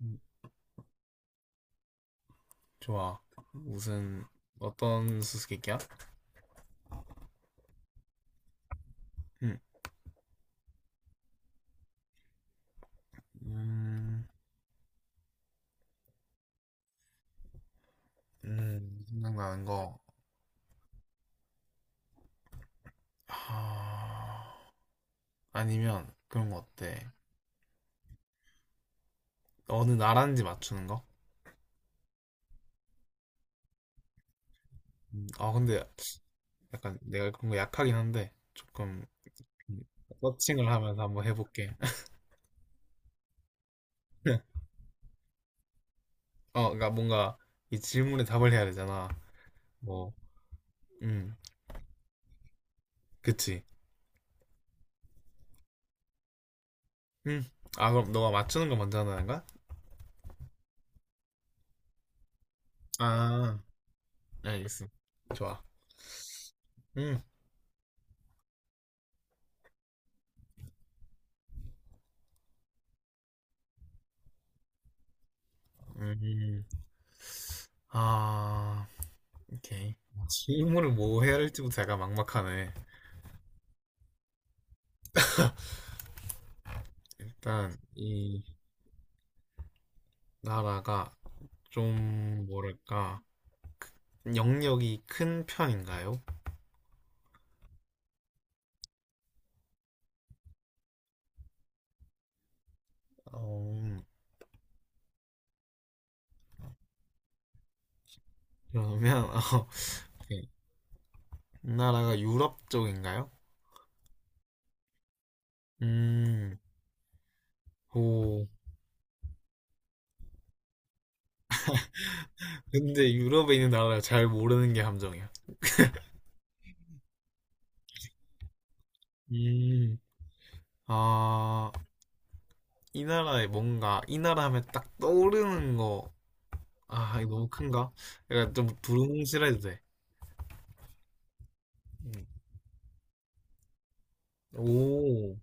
음, 좋아. 무슨 어떤 수수께끼야? 음, 음, 생각나는 거. 아, 아니면 그런 거 어때? 어느 나라인지 맞추는 거? 아 근데 약간 내가 그런 거 약하긴 한데 조금 음, 서칭을 하면서 한번 해볼게. 어, 그러니까 뭔가 이 질문에 답을 해야 되잖아. 뭐, 음, 그치. 음, 아 그럼 너가 맞추는 거 먼저 하는 거야? 아, 알겠어. 좋아. 음, 음. 아, 오케이. 질문을 뭐 해야 할지부터 약간 막막하네. 일단 이 나라가 좀 뭐랄까 영역이 큰 편인가요? 어, 그러면 어, 오케이. 나라가 유럽 쪽인가요? 음, 오. 근데 유럽에 있는 나라를 잘 모르는 게 함정이야. 음, 아, 이 나라에 뭔가 이 나라 하면 딱 떠오르는 거. 아, 이거 너무 큰가? 약간 좀 두루뭉실해도 돼. 음. 오,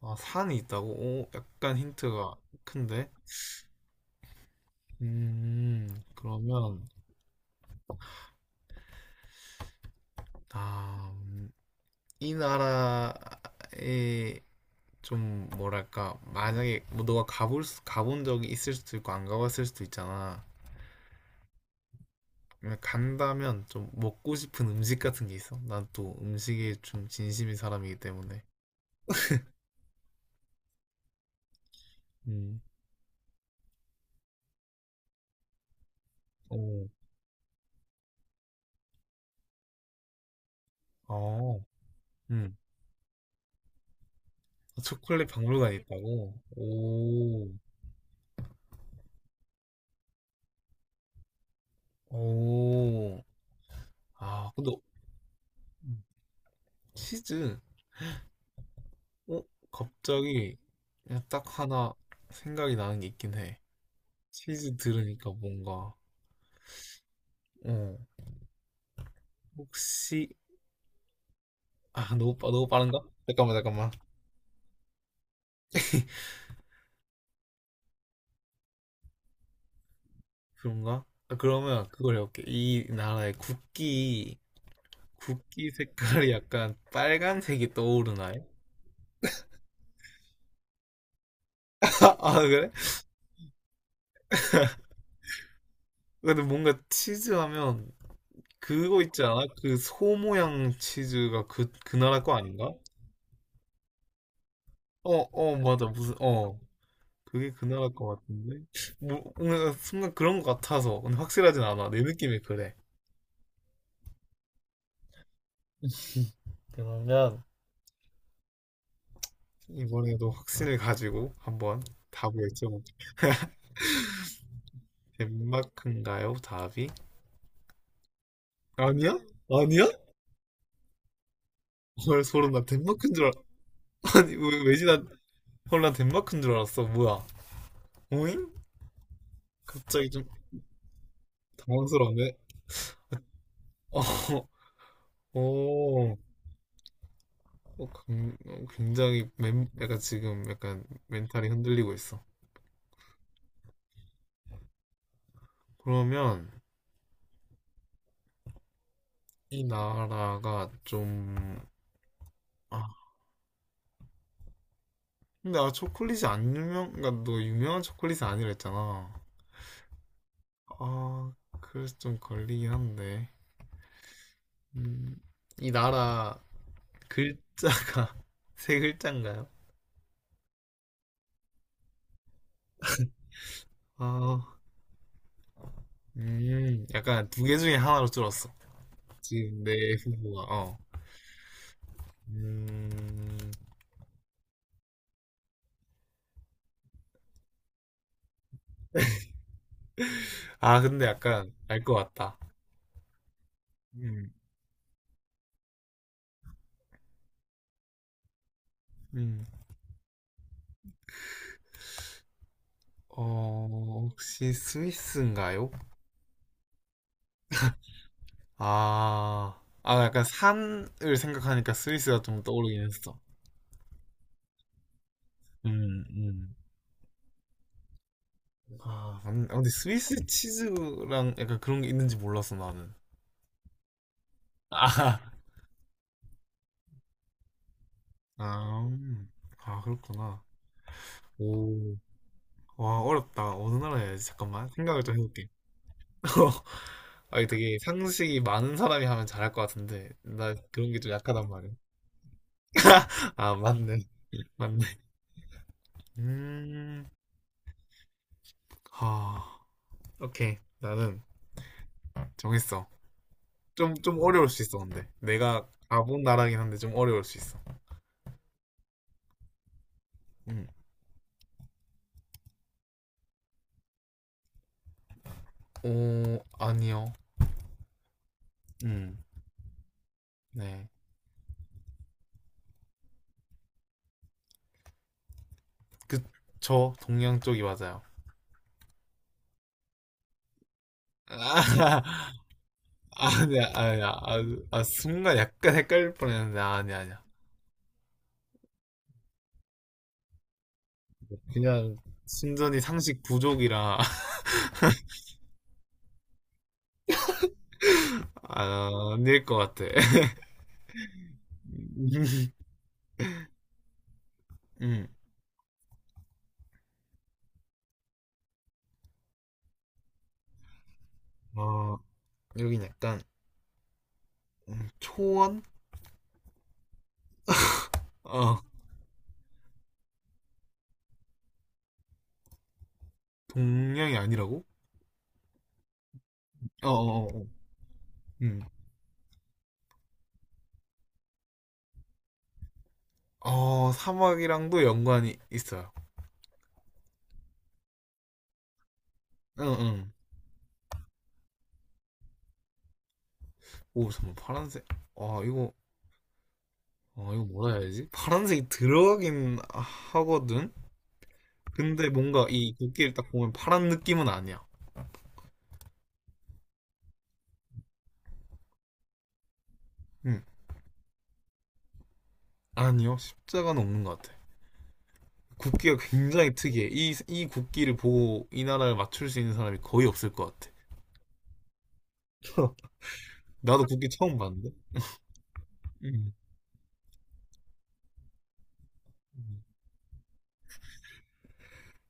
아, 산이 있다고? 오, 약간 힌트가 큰데? 그러면, 아, 음, 이 나라에 좀, 뭐랄까, 만약에 뭐 너가 가본 적이 있을 수도 있고, 안 가봤을 수도 있잖아. 근데 간다면 좀 먹고 싶은 음식 같은 게 있어? 난 또 음식에 좀 진심인 사람이기 때문에. 음, 오, 어, 음. 초콜릿 박물관이 있다고? 오, 오. 아, 근데 음, 치즈. 어? 갑자기 그냥 딱 하나 생각이 나는 게 있긴 해. 치즈 들으니까 뭔가, 어, 혹시, 너무 빠른가? 잠깐만, 잠깐만. 그런가? 아, 그러면 그걸 해볼게. 이 나라의 국기, 국기 색깔이 약간 빨간색이 떠오르나요? 아, 그래? 근데 뭔가 치즈 하면 그거 있지 않아? 그 소 모양 치즈가 그, 그 나라 거 아닌가? 어, 어, 맞아. 무슨, 어. 그게 그 나라 것 같은데? 뭔가 순간 그런 것 같아서. 근데 확실하진 않아. 내 느낌이 그래. 그러면 이번에도 확신을 가지고 한번 답을 여쭤볼게. 덴마크인가요? 답이? 아니야? 아니야? 헐, 소름 나 덴마크인 줄 알... 아니, 왜, 왜지? 난, 헐, 난 덴마크인 줄 알았어. 뭐야? 오잉? 갑자기 좀 당황스러운데? 어, 오, 어, 굉장히 약간 지금 약간 멘탈이 흔들리고 있어. 그러면 이 나라가 좀, 아, 근데 초콜릿이 안 유명, 그러니까 너 유명한 초콜릿이 아니라 했잖아. 아, 그래서 좀 걸리긴 한데. 음, 이 나라 글자가 세 글자인가요? 아, 약간 두 개 중에 하나로 줄었어. 지금 내 후보가, 어. 음, 아, 근데 약간 알 것 같다. 음, 음, 어, 혹시 스위스인가요? 아, 아, 약간 산을 생각하니까 스위스가 좀 떠오르긴 했어. 음, 음. 아, 맞 아, 근데 스위스 치즈랑 약간 그런 게 있는지 몰랐어, 나는. 아, 아, 아, 그렇구나. 오. 와, 어렵다. 어느 나라 해야지? 잠깐만. 생각을 좀 해볼게. 아, 이게 되게 상식이 많은 사람이 하면 잘할 것 같은데. 나 그런 게 좀 약하단 말이야. 아, 맞네. 맞네. 음, 하. 오케이. 나는 정했어. 좀, 좀 어려울 수 있어, 근데. 내가 가본 나라긴 한데 좀 어려울 수 있어. 음. 오, 아니요. 음. 네. 그, 동양 쪽이 맞아요. 아, 아니야, 아니야. 아, 아, 순간 약간 헷갈릴 뻔했는데, 아니야, 아니야. 그냥, 순전히 상식 부족이라, 아닐 것 같아. 음. 어, 여긴 약간, 초원? 어, 동양이 아니라고? 어, 어, 어, 어. 음. 어, 사막이랑도 연관이 있어요. 응응. 오 잠깐 파란색. 아 이거 아 이거 뭐라 해야지? 파란색이 들어가긴 하거든. 근데 뭔가 이 국기를 딱 보면 파란 느낌은 아니야. 응. 아니요. 십자가는 없는 것 같아. 국기가 굉장히 특이해. 이 국기를 보고 이 나라를 맞출 수 있는 사람이 거의 없을 것 같아. 나도 국기 처음 봤는데. 음.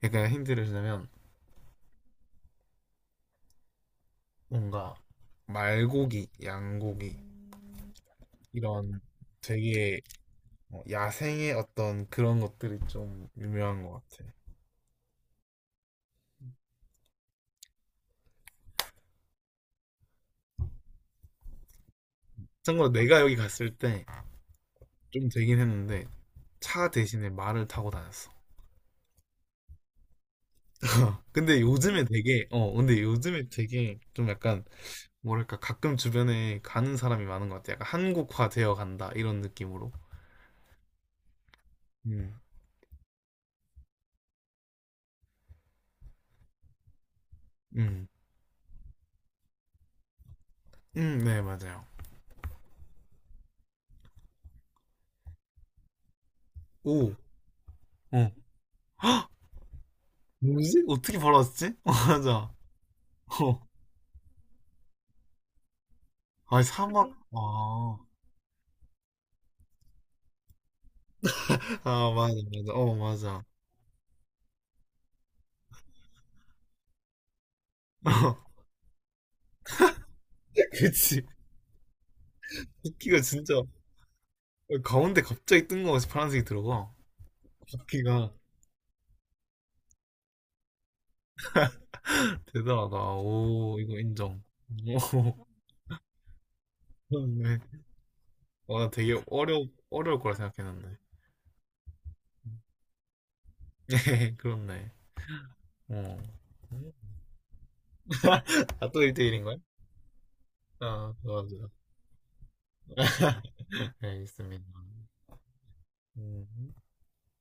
약간 힌트를 주자면 뭔가 말고기, 양고기 이런 되게 어, 야생의 어떤 그런 것들이 좀 유명한 것 같아. 참고로 내가 여기 갔을 때 좀 되긴 했는데 차 대신에 말을 타고 다녔어. 근데 요즘에 되게 좀 약간 뭐랄까 가끔 주변에 가는 사람이 많은 것 같아. 약간 한국화 되어 간다 이런 느낌으로. 음, 음, 네 맞아요. 오, 어, 뭐지? 어떻게 벌왔지 맞아. 어, 아 사막. 아, 아 맞아 맞아. 어 맞아. 그치. 바퀴가 진짜 가운데 갑자기 뜬금없이 파란색이 들어가. 바퀴가 대단하다. 오, 이거 인정. 오, 그렇네. 와, 나 되게 어려울 거라 생각했는데. 네, 그렇네. 어. 아, 또 1대1인 거야? 아, 맞아. 알겠습니다. 음.